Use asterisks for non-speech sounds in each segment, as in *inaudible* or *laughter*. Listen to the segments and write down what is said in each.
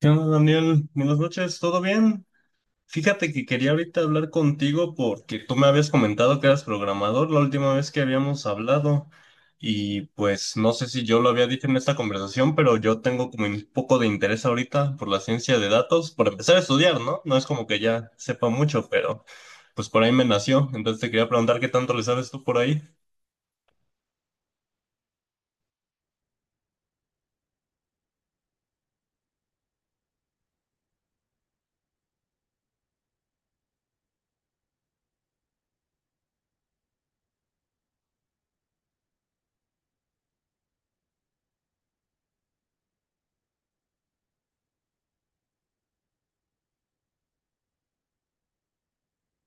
¿Qué onda, Daniel? Buenas noches, ¿todo bien? Fíjate que quería ahorita hablar contigo porque tú me habías comentado que eras programador la última vez que habíamos hablado y pues no sé si yo lo había dicho en esta conversación, pero yo tengo como un poco de interés ahorita por la ciencia de datos, por empezar a estudiar, ¿no? No es como que ya sepa mucho, pero pues por ahí me nació, entonces te quería preguntar qué tanto le sabes tú por ahí.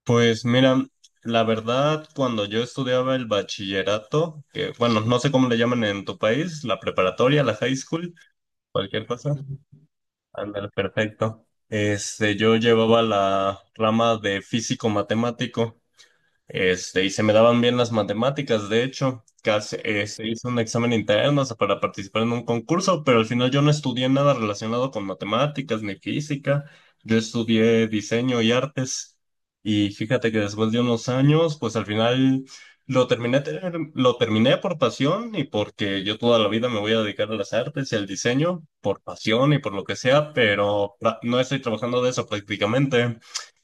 Pues mira, la verdad, cuando yo estudiaba el bachillerato, que bueno, no sé cómo le llaman en tu país, la preparatoria, la high school, cualquier cosa. Ujú. Ándale, perfecto. Yo llevaba la rama de físico matemático. Y se me daban bien las matemáticas, de hecho, casi, se hizo un examen interno, o sea, para participar en un concurso, pero al final yo no estudié nada relacionado con matemáticas ni física, yo estudié diseño y artes, y fíjate que después de unos años, pues al final lo terminé, lo terminé por pasión y porque yo toda la vida me voy a dedicar a las artes y al diseño, por pasión y por lo que sea, pero no estoy trabajando de eso prácticamente.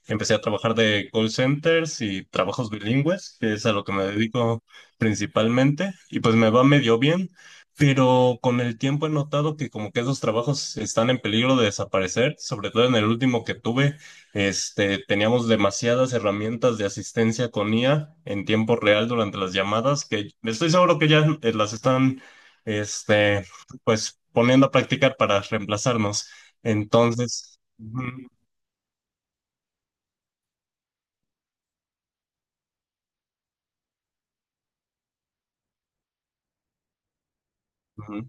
Empecé a trabajar de call centers y trabajos bilingües, que es a lo que me dedico principalmente, y pues me va medio bien, pero con el tiempo he notado que como que esos trabajos están en peligro de desaparecer, sobre todo en el último que tuve, teníamos demasiadas herramientas de asistencia con IA en tiempo real durante las llamadas, que estoy seguro que ya las están, este, pues poniendo a practicar para reemplazarnos. Entonces... ujú, ujú.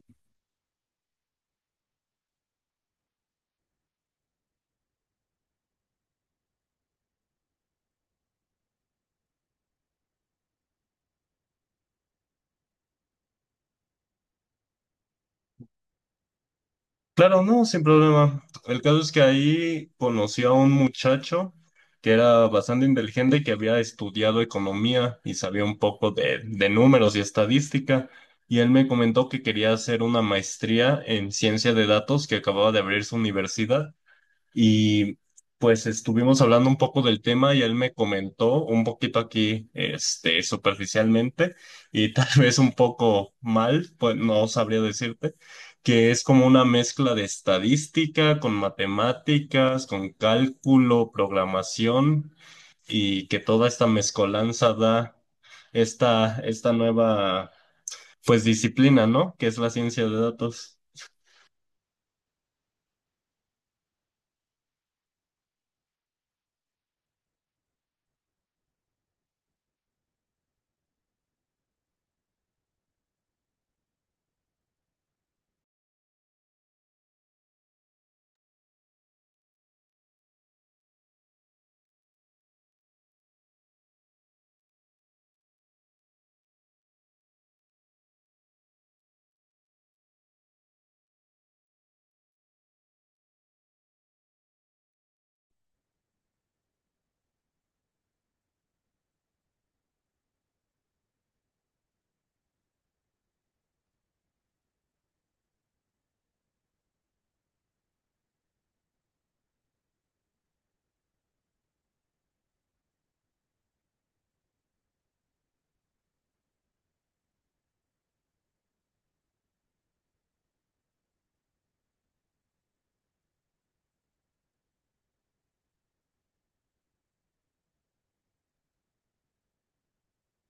Claro, no, sin problema. El caso es que ahí conocí a un muchacho que era bastante inteligente, y que había estudiado economía y sabía un poco de, números y estadística. Y él me comentó que quería hacer una maestría en ciencia de datos que acababa de abrir su universidad. Y pues estuvimos hablando un poco del tema y él me comentó un poquito aquí, superficialmente y tal *laughs* vez un poco mal, pues no sabría decirte, que es como una mezcla de estadística con matemáticas, con cálculo, programación y que toda esta mezcolanza da esta nueva, pues disciplina, ¿no? Que es la ciencia de datos.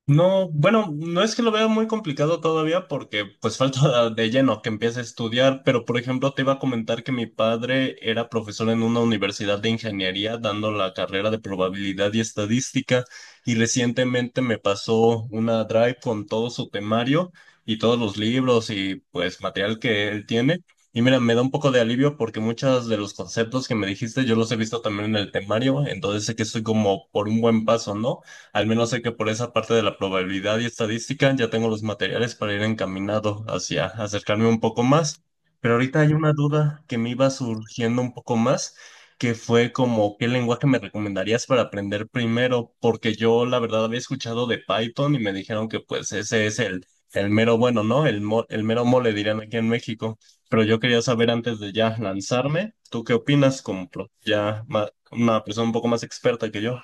No, bueno, no es que lo vea muy complicado todavía porque pues *laughs* falta de lleno que empiece a estudiar, pero por ejemplo te iba a comentar que mi padre era profesor en una universidad de ingeniería dando la carrera de probabilidad y estadística y recientemente me pasó una drive con todo su temario y todos los libros y pues material que él tiene. Y mira, me da un poco de alivio porque muchos de los conceptos que me dijiste yo los he visto también en el temario, entonces sé que estoy como por un buen paso, ¿no? Al menos sé que por esa parte de la probabilidad y estadística ya tengo los materiales para ir encaminado hacia acercarme un poco más. Pero ahorita hay una duda que me iba surgiendo un poco más, que fue como, ¿qué lenguaje me recomendarías para aprender primero? Porque yo la verdad había escuchado de Python y me dijeron que pues ese es el mero bueno, ¿no? El mero mole dirían aquí en México. Pero yo quería saber antes de ya lanzarme, ¿tú qué opinas como una persona un poco más experta que yo?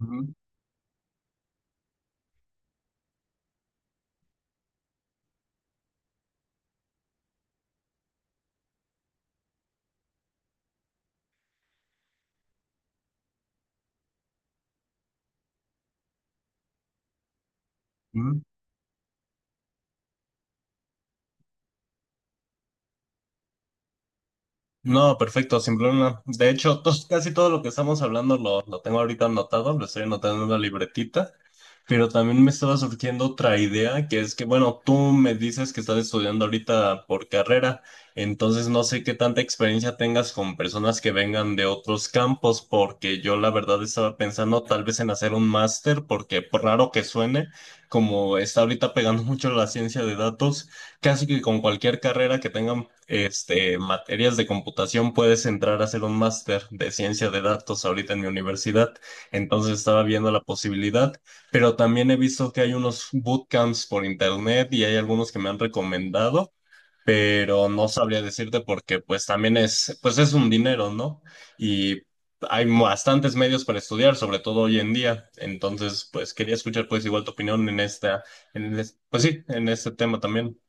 Ujú, ujú. No, perfecto, sin problema. De hecho, *laughs* casi todo lo que estamos hablando lo tengo ahorita anotado, lo estoy anotando en la libretita, pero también me estaba surgiendo otra idea, que es que, bueno, tú me dices que estás estudiando ahorita por carrera, entonces no sé qué tanta experiencia tengas con personas que vengan de otros campos, porque yo la verdad estaba pensando tal vez en hacer un máster, porque por raro que suene, como está ahorita pegando *laughs* mucho la ciencia de datos. Casi que con cualquier carrera que tengan materias de computación puedes entrar a hacer un máster de ciencia de datos ahorita en mi universidad. Entonces estaba viendo la posibilidad, pero también he visto que hay unos bootcamps por internet y hay algunos que me han recomendado, pero no sabría decirte porque pues también es, pues es un dinero, ¿no? Y hay bastantes medios para estudiar, sobre todo hoy en día. Entonces, pues quería escuchar pues igual tu opinión en esta, pues sí, en este tema también.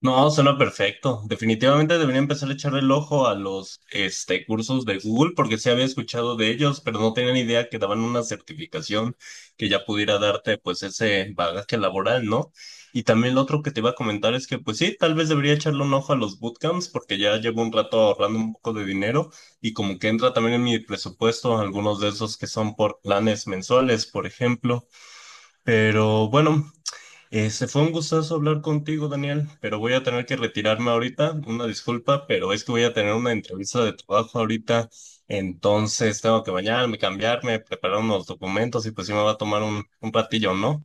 No, suena perfecto. Definitivamente debería empezar a echar el ojo a los cursos de Google porque sí había escuchado de ellos, pero no tenía ni idea que daban una certificación que ya pudiera darte pues ese bagaje laboral, ¿no? Y también lo otro que te iba a comentar es que pues sí, tal vez debería echarle un ojo a los bootcamps porque ya llevo un rato ahorrando un poco de dinero y como que entra también en mi presupuesto algunos de esos que son por planes mensuales, por ejemplo. Pero bueno. Se fue un gustazo hablar contigo, Daniel, pero voy a tener que retirarme ahorita. Una disculpa, pero es que voy a tener una entrevista de trabajo ahorita. Entonces tengo que bañarme, cambiarme, preparar unos documentos y pues sí me va a tomar un ratillo, ¿no?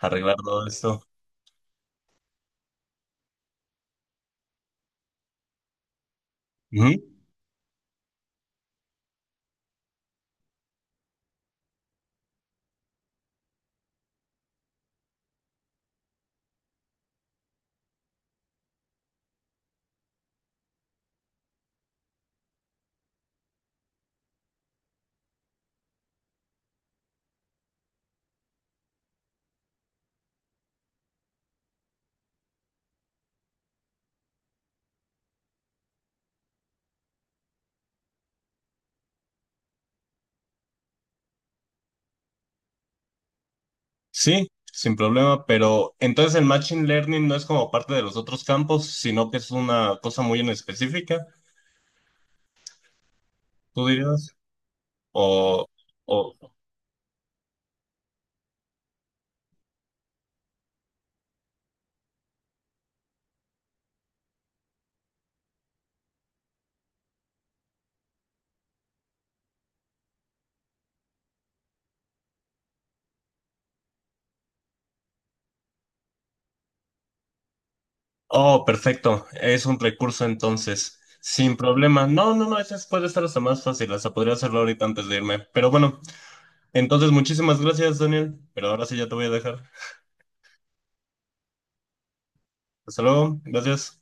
Arreglar todo esto. Ujú. Sí, sin problema, pero entonces el Machine Learning no es como parte de los otros campos, sino que es una cosa muy en específica, ¿tú dirías? O, o, Oh, perfecto. Es un recurso entonces. Sin problema. No, no, no, puede estar hasta más fácil. Hasta podría hacerlo ahorita antes de irme. Pero bueno, entonces muchísimas gracias, Daniel. Pero ahora sí ya te voy a dejar. Hasta luego. Gracias.